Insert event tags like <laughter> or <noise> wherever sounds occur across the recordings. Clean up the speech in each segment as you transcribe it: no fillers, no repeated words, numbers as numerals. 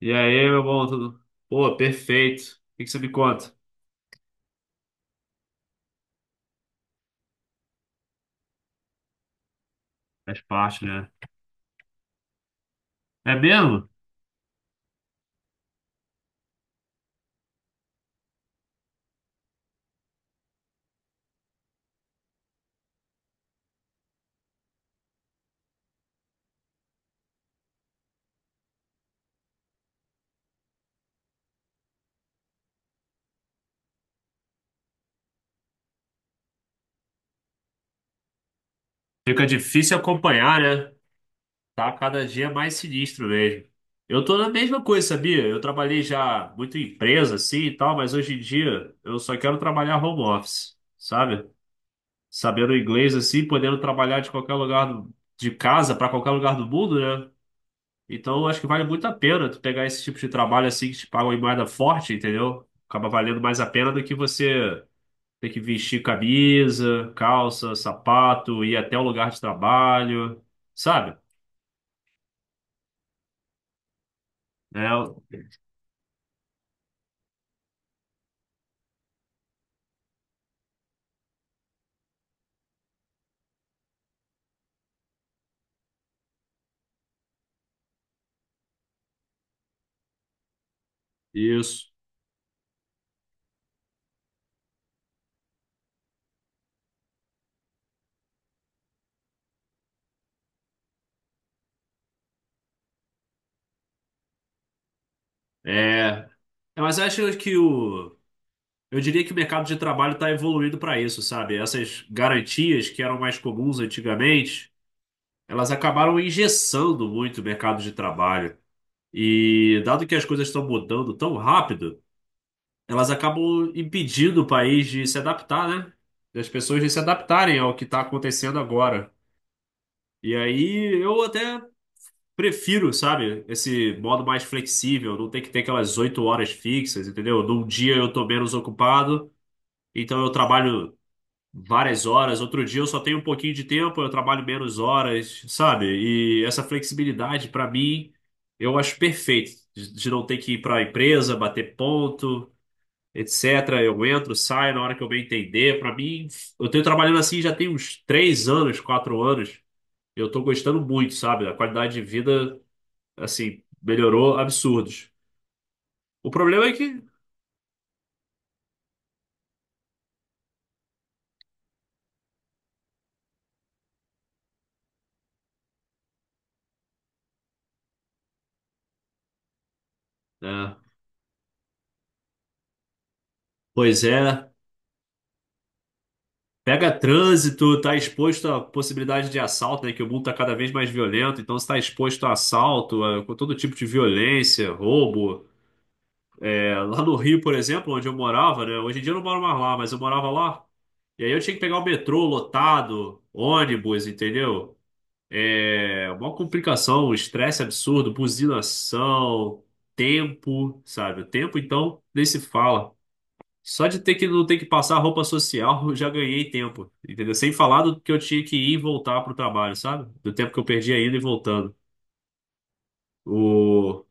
E aí, meu bom, tudo? Pô, perfeito. O que você me conta? Faz parte, né? É mesmo? Fica difícil acompanhar, né? Tá cada dia mais sinistro mesmo. Eu tô na mesma coisa, sabia? Eu trabalhei já muito em empresa, assim e tal, mas hoje em dia eu só quero trabalhar home office, sabe? Sabendo inglês, assim, podendo trabalhar de qualquer lugar de casa pra qualquer lugar do mundo, né? Então eu acho que vale muito a pena tu pegar esse tipo de trabalho assim que te pagam em moeda forte, entendeu? Acaba valendo mais a pena do que você. Ter que vestir camisa, calça, sapato, ir até o lugar de trabalho, sabe? É, isso. É. É, Mas eu acho que o. Eu diria que o mercado de trabalho está evoluindo para isso, sabe? Essas garantias que eram mais comuns antigamente, elas acabaram engessando muito o mercado de trabalho. E dado que as coisas estão mudando tão rápido, elas acabam impedindo o país de se adaptar, né? Das pessoas de se adaptarem ao que está acontecendo agora. E aí eu até prefiro, sabe, esse modo mais flexível, não ter que ter aquelas oito horas fixas, entendeu? Num dia eu tô menos ocupado, então eu trabalho várias horas, outro dia eu só tenho um pouquinho de tempo, eu trabalho menos horas, sabe? E essa flexibilidade, pra mim, eu acho perfeito, de não ter que ir pra empresa, bater ponto. Etc. Eu entro, saio na hora que eu bem entender. Pra mim, eu tenho trabalhando assim já tem uns três anos, quatro anos. Eu tô gostando muito, sabe? A qualidade de vida, assim, melhorou absurdos. O problema é que, né, pois é, pega trânsito, tá exposto à possibilidade de assalto, né? Que o mundo tá cada vez mais violento, então você tá exposto a assalto, a com todo tipo de violência, roubo. É, lá no Rio, por exemplo, onde eu morava, né? Hoje em dia eu não moro mais lá, mas eu morava lá. E aí eu tinha que pegar o metrô lotado, ônibus, entendeu? É uma complicação, um estresse absurdo, buzinação, tempo, sabe? O tempo, então, nem se fala. Só de ter que não ter que passar roupa social, eu já ganhei tempo, entendeu? Sem falar do que eu tinha que ir e voltar pro trabalho, sabe? Do tempo que eu perdi indo e voltando. O...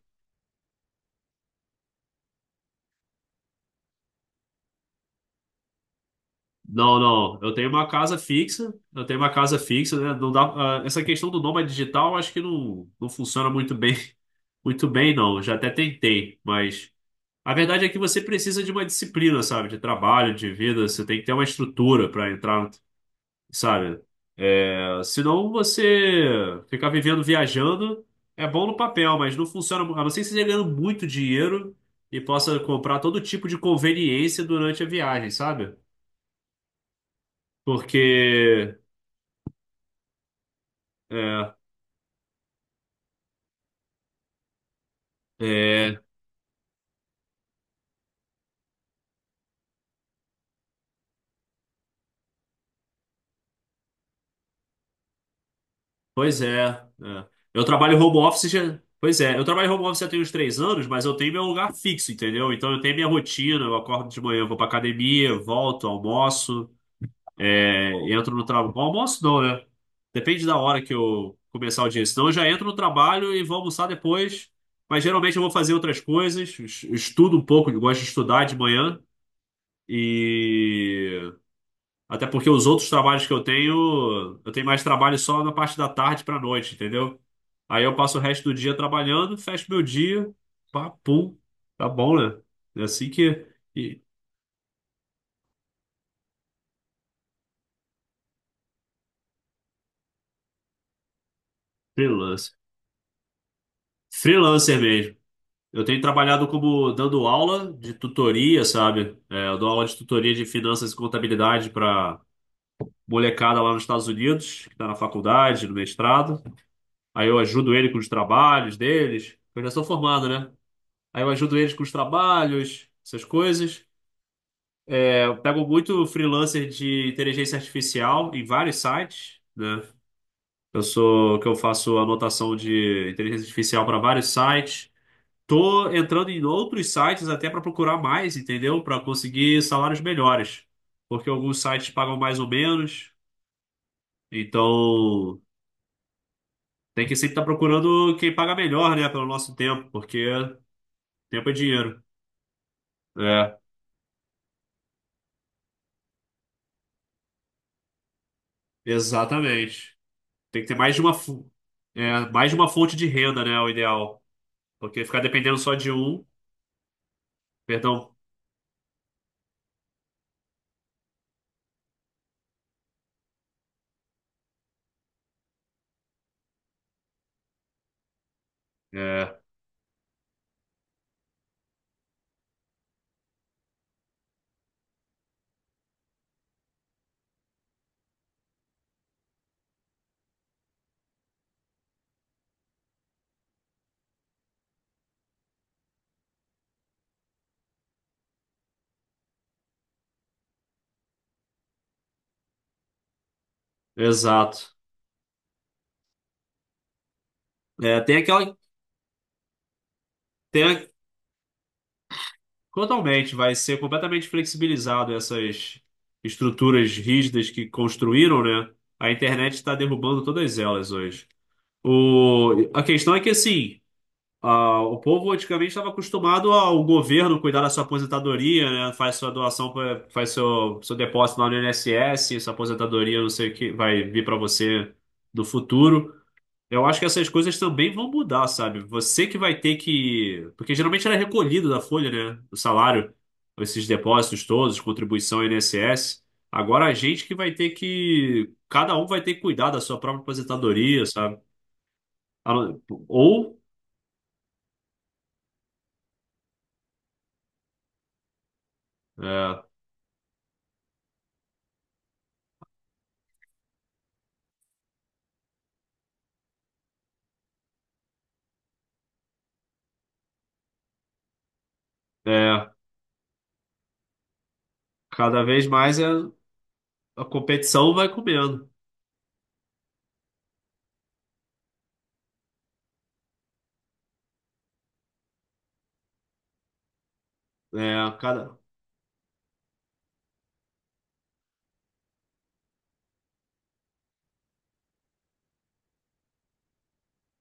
Não, não, eu tenho uma casa fixa, eu tenho uma casa fixa, né? Não dá... Essa questão do nômade digital, eu acho que não funciona muito bem, <laughs> muito bem, não. Eu já até tentei, mas... A verdade é que você precisa de uma disciplina, sabe? De trabalho, de vida. Você tem que ter uma estrutura para entrar, sabe? É, Senão você ficar vivendo viajando é bom no papel, mas não funciona. A não ser que você esteja ganhando muito dinheiro e possa comprar todo tipo de conveniência durante a viagem, sabe? Porque é, é, Pois é, é. Eu trabalho home office já. Pois é, eu trabalho home office já tem uns três anos, mas eu tenho meu lugar fixo, entendeu? Então eu tenho minha rotina, eu acordo de manhã, eu vou pra academia, volto, almoço, entro no trabalho. Almoço não, né? Depende da hora que eu começar o dia. Senão eu já entro no trabalho e vou almoçar depois. Mas geralmente eu vou fazer outras coisas, estudo um pouco, eu gosto de estudar de manhã. E até porque os outros trabalhos que eu tenho mais trabalho só na parte da tarde pra noite, entendeu? Aí eu passo o resto do dia trabalhando, fecho meu dia, pá, pum, tá bom, né? É assim que. E freelancer. Freelancer mesmo. Eu tenho trabalhado como dando aula de tutoria, sabe? É, eu dou aula de tutoria de finanças e contabilidade pra molecada lá nos Estados Unidos, que tá na faculdade, no mestrado. Aí eu ajudo ele com os trabalhos deles. Eu já sou formado, né? Aí eu ajudo eles com os trabalhos, essas coisas. É, eu pego muito freelancer de inteligência artificial em vários sites, né? Eu sou que eu faço anotação de inteligência artificial para vários sites. Tô entrando em outros sites até para procurar mais, entendeu? Para conseguir salários melhores, porque alguns sites pagam mais ou menos. Então tem que sempre estar procurando quem paga melhor, né? Pelo nosso tempo, porque tempo é dinheiro. É, exatamente. Tem que ter mais de uma, mais de uma fonte de renda, né? É o ideal. Porque ficar dependendo só de um. Perdão. É, exato. É, tem aquela. Tem, a- totalmente, vai ser completamente flexibilizado essas estruturas rígidas que construíram, né? A internet está derrubando todas elas hoje. A questão é que, assim. Ah, o povo antigamente estava acostumado ao governo cuidar da sua aposentadoria, né? Faz sua doação, faz seu depósito lá no INSS, sua aposentadoria, não sei o que, vai vir para você no futuro. Eu acho que essas coisas também vão mudar, sabe? Você que vai ter que. Porque geralmente era recolhido da folha, né? O salário, esses depósitos todos, contribuição ao INSS. Agora a gente que vai ter que. Cada um vai ter que cuidar da sua própria aposentadoria, sabe? A não- Ou. É. É. Cada vez mais é, a competição vai comendo. É, cada...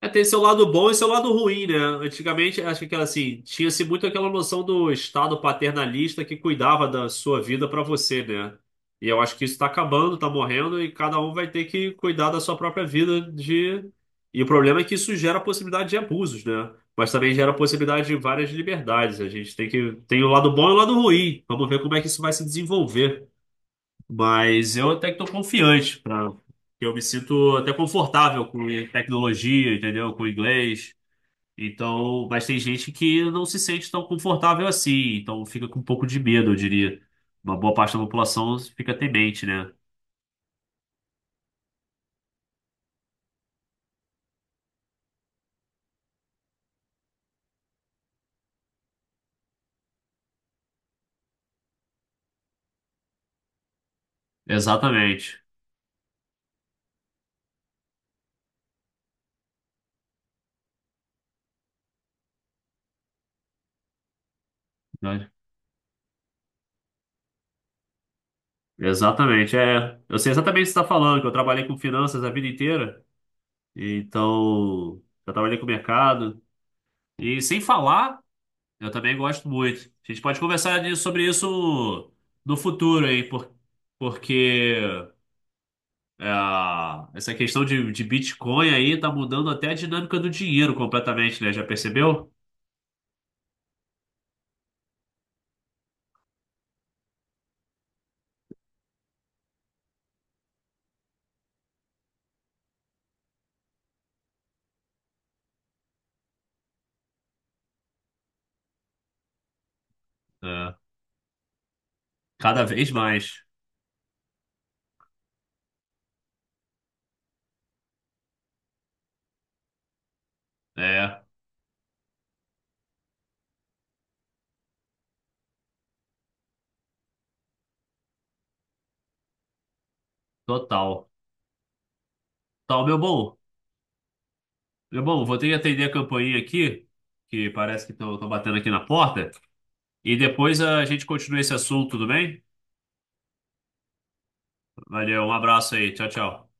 é, tem seu lado bom e seu lado ruim, né? Antigamente, acho que era assim, tinha-se muito aquela noção do Estado paternalista que cuidava da sua vida para você, né? E eu acho que isso está acabando, está morrendo, e cada um vai ter que cuidar da sua própria vida de... E o problema é que isso gera possibilidade de abusos, né? Mas também gera possibilidade de várias liberdades. A gente tem que... Tem o lado bom e o lado ruim. Vamos ver como é que isso vai se desenvolver. Mas eu até que estou confiante, pra... eu me sinto até confortável com tecnologia, entendeu? Com inglês. Então, mas tem gente que não se sente tão confortável assim, então fica com um pouco de medo, eu diria. Uma boa parte da população fica temente, né? Exatamente. Né? Exatamente, é. Eu sei exatamente o que você está falando, que eu trabalhei com finanças a vida inteira, então já trabalhei com mercado. E sem falar Eu também gosto muito. A gente pode conversar sobre isso no futuro, hein? Porque é, essa questão de Bitcoin aí tá mudando até a dinâmica do dinheiro completamente, né? Já percebeu? É. Cada vez mais. É, total. Tá, meu bom. Meu bom, vou ter que atender a campainha aqui, que parece que estão batendo aqui na porta. E depois a gente continua esse assunto, tudo bem? Valeu, um abraço aí. Tchau, tchau.